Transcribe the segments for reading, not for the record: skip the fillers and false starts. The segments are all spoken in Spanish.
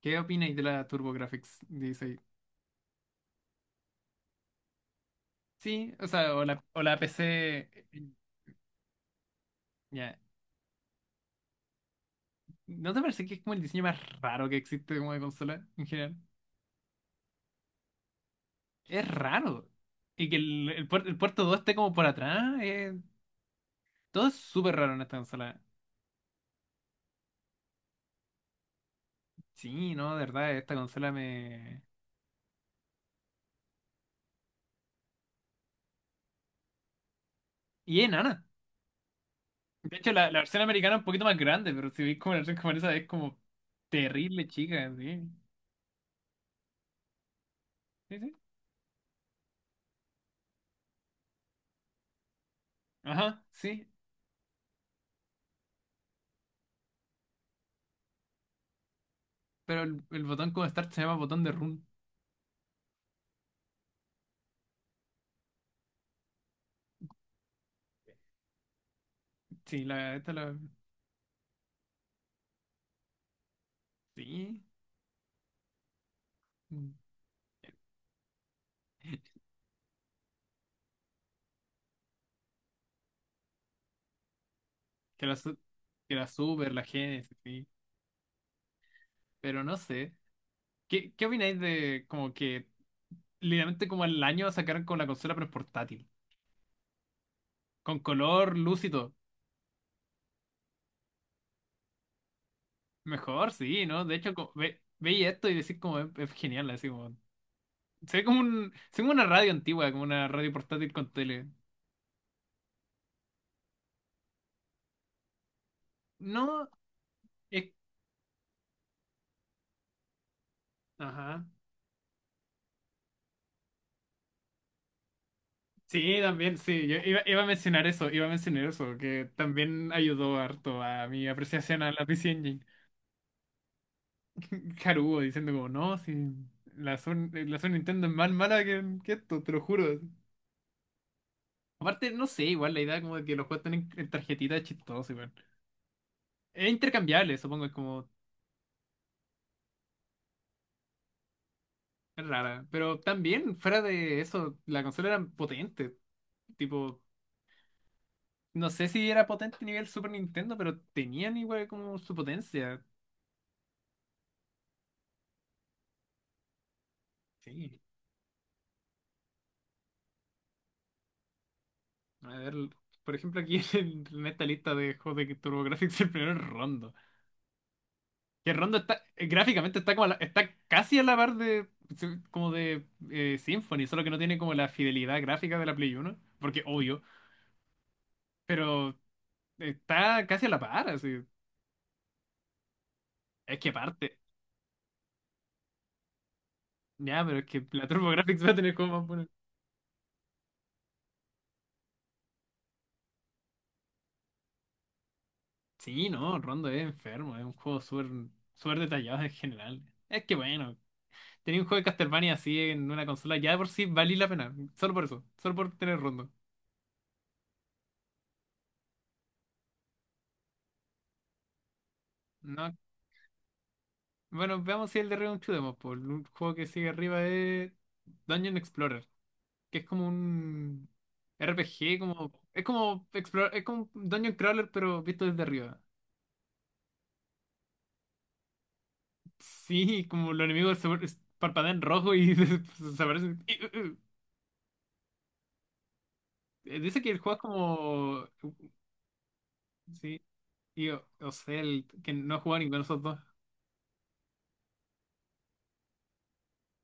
¿Qué opináis de la TurboGrafx 16? Sí, o sea, o la PC. Ya. ¿No te parece que es como el diseño más raro que existe como de consola en general? Es raro. Y que el puerto 2 esté como por atrás. Todo es súper raro en esta consola. Sí, no, de verdad, esta consola me... Y es enana. De hecho, la versión americana es un poquito más grande, pero si veis como la versión japonesa es como terrible, chica. Sí, sí, sí. Ajá, sí. Pero el botón como Start se llama botón de run. Sí, sí. Mm. Que la, su- que la Super, la Genesis, sí. Pero no sé. ¿Qué, qué opináis de como que literalmente como el año sacaron con la consola pero portátil? Con color, luz y todo. Mejor, sí, ¿no? De hecho, como, veis esto y decís como es genial, así como. Se ve como un, se ve como una radio antigua, como una radio portátil con tele. No, es... Ajá. Sí, también, sí, yo iba a mencionar eso, iba a mencionar eso, que también ayudó harto a mi apreciación a la PC Engine. Haruo diciendo como, no, si la Sun Nintendo es más mala que esto, te lo juro. Aparte, no sé, igual la idea como de que los juegos están en tarjetitas es chistoso, igual. Es intercambiable, supongo, es como, es rara. Pero también, fuera de eso, la consola era potente, tipo, no sé si era potente a nivel Super Nintendo, pero tenían igual como su potencia. Sí. A ver, por ejemplo, aquí en esta lista de juegos de TurboGrafx, el primero es Rondo. Que Rondo está, gráficamente está casi a la par de como de Symphony, solo que no tiene como la fidelidad gráfica de la Play Uno porque obvio, pero está casi a la par, así. Es que aparte, ya, pero es que la TurboGrafx va a tener como más bueno. Sí, no, Rondo es enfermo, es un juego súper súper detallado en general. Es que bueno. Tenía un juego de Castlevania así en una consola, ya de por sí valía la pena. Solo por eso, solo por tener rondo. No. Bueno, veamos si el de Return un Demo, pues, un juego que sigue arriba es Dungeon Explorer, que es como un RPG, como es como es como un Dungeon Crawler pero visto desde arriba. Sí, como los enemigos parpadean rojo y desaparecen. Dice que el juego es como sí, y o sea, el que no ha jugado ninguno de esos dos.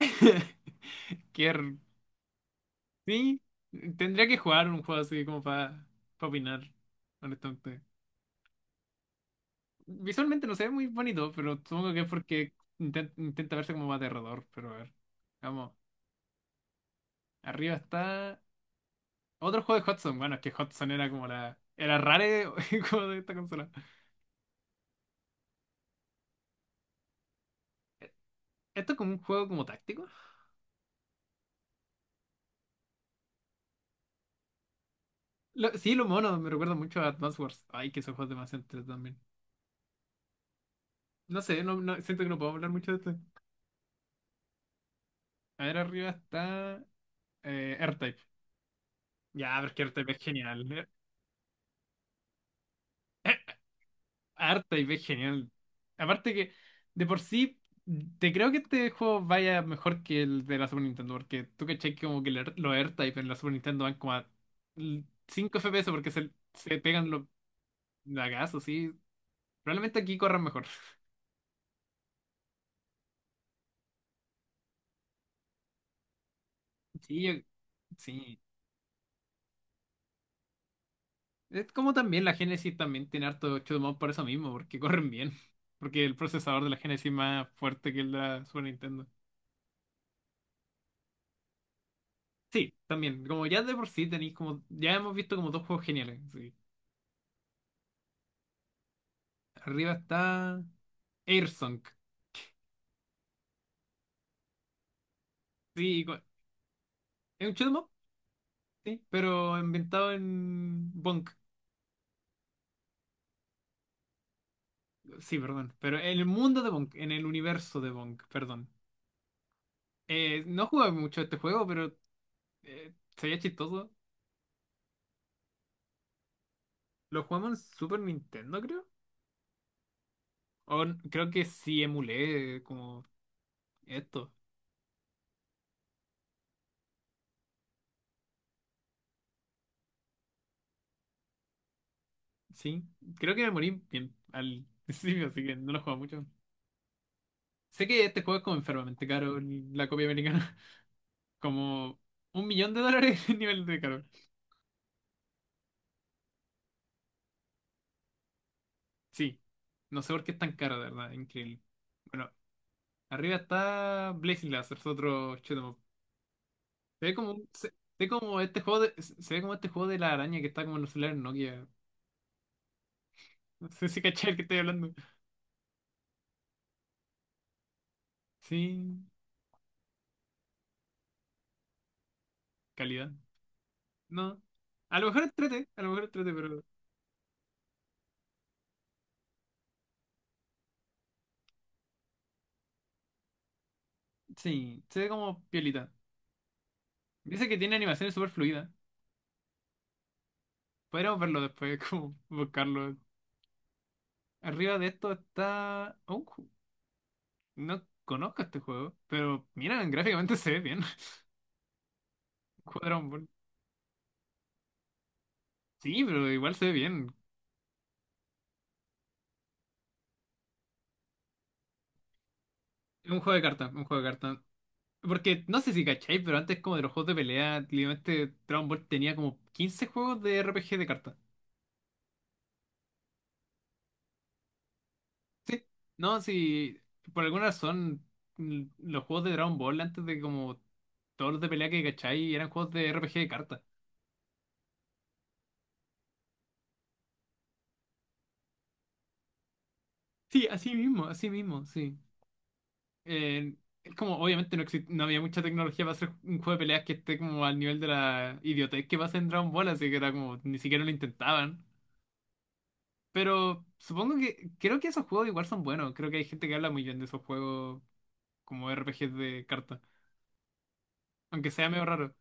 Qué... Sí, tendría que jugar un juego así como para opinar, honestamente. Visualmente no se ve muy bonito, pero supongo que es porque intenta verse como aterrador, pero a ver. Vamos, arriba está otro juego de Hudson. Bueno, es que Hudson era como la... Era rare como de esta consola. Esto es como un juego como táctico. Sí, lo mono, me recuerda mucho a Advance Wars. Ay, que esos juegos demasiado entretenidos también. No sé, siento que no puedo hablar mucho de esto. A ver, arriba está R-Type. Ya, pero es que R-Type es genial. harta y ves genial. Aparte que, de por sí, te creo que este juego vaya mejor que el de la Super Nintendo, porque tú caché que como que los AirType en la Super Nintendo van como a 5 FPS porque se pegan los lagazos, sí. Probablemente aquí corran mejor. Sí, sí. Es como también la Genesis también tiene harto shoot'em up por eso mismo, porque corren bien. Porque el procesador de la Genesis es más fuerte que el de la Super Nintendo. Sí, también. Como ya de por sí tenéis como... Ya hemos visto como dos juegos geniales. Sí. Arriba está Airsong. Sí, es un shoot'em up, sí, pero inventado en Bonk. Sí, perdón. Pero en el mundo de Bonk, en el universo de Bonk, perdón. No jugué mucho a este juego, pero se veía chistoso. Lo jugamos en Super Nintendo, creo. Creo que sí emulé como esto. Sí, creo que me morí bien al principio, así que no lo juego mucho. Sé que este juego es como enfermamente caro, la copia americana. Como un millón de dólares el nivel de caro. Sí, no sé por qué es tan cara de verdad, increíble. Bueno, arriba está Blazing Lazarus, otro shoot 'em up. Se ve como, se ve como este juego de, se ve como este juego de la araña que está como en los celulares Nokia. No sé si cachai el que estoy hablando. Sí, calidad. No. A lo mejor entrete, a lo mejor entrete, pero sí, se ve como piolita. Dice que tiene animaciones súper fluidas. Podríamos verlo después, como buscarlo. Arriba de esto está... oh, no conozco este juego, pero mira, gráficamente se ve bien. Cuadrón... Sí, pero igual se ve bien. Es un juego de cartas, un juego de cartas. Porque no sé si cacháis, pero antes como de los juegos de pelea, literalmente Dragon Ball tenía como 15 juegos de RPG de cartas. Sí. No, si por alguna razón los juegos de Dragon Ball antes de como todos los de pelea que cacháis eran juegos de RPG de cartas. Sí, así mismo, sí. Eh, es como obviamente no había mucha tecnología para hacer un juego de peleas que esté como al nivel de la idiotez que pasa en Dragon Ball, así que era como ni siquiera lo intentaban. Pero supongo que, creo que esos juegos igual son buenos. Creo que hay gente que habla muy bien de esos juegos como RPGs de carta. Aunque sea medio raro.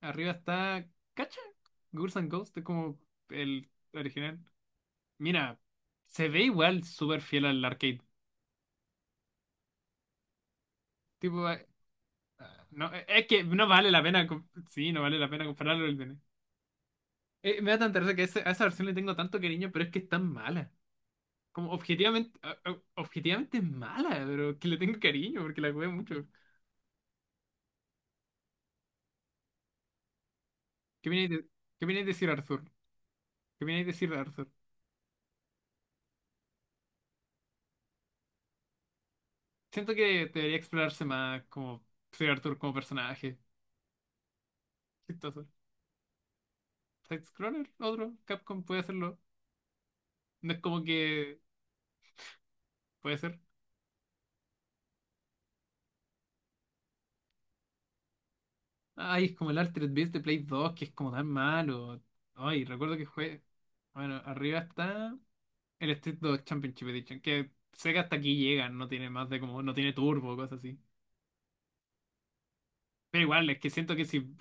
Arriba está, ¿cacha? Ghouls and Ghosts es como el original. Mira, se ve igual súper fiel al arcade. Tipo, no, es que no vale la pena, sí, no vale la pena compararlo al DN. Me da tanta risa que a esa versión le tengo tanto cariño, pero es que es tan mala. Como objetivamente, objetivamente es mala, pero que le tengo cariño porque la jugué mucho. ¿Qué viene de, ¿Qué viene de decir Arthur? ¿Qué viene a decir de Sir Arthur? Siento que debería explorarse más como Sir Arthur como personaje. Chistoso. Side-scroller, otro. Capcom puede hacerlo. No es como que puede ser. Ay, es como el Altered Beast de Play 2, que es como tan malo. Ay, recuerdo que jugué. Bueno, arriba está el Street 2 Championship Edition, que sé que hasta aquí llega, no tiene más de como, no tiene turbo, cosas así. Pero igual, es que siento que si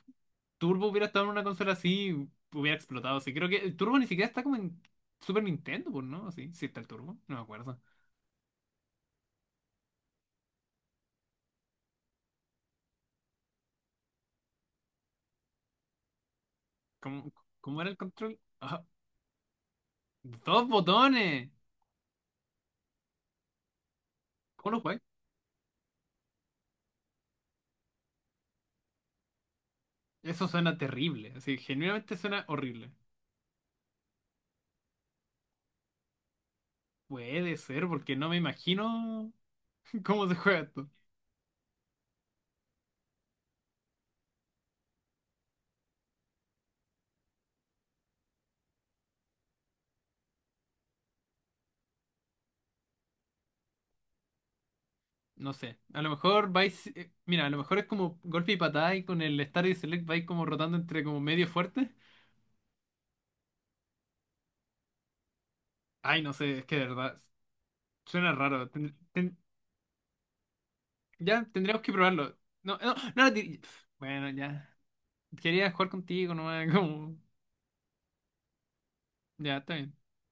Turbo hubiera estado en una consola así, hubiera explotado. Sí, creo que el Turbo ni siquiera está como en Super Nintendo, pues, ¿no? Sí, sí está el Turbo, no me acuerdo. ¿Cómo, cómo era el control? Ah, dos botones. ¿Cómo lo juegas? Eso suena terrible, así, genuinamente suena horrible. Puede ser, porque no me imagino cómo se juega esto. No sé, a lo mejor vais, mira, a lo mejor es como golpe y patada y con el Start y Select vais como rotando entre como medio fuerte. Ay, no sé, es que de verdad, suena raro. Ya tendríamos que probarlo. No, no, no, Bueno, ya. Quería jugar contigo, no como... Ya, está bien.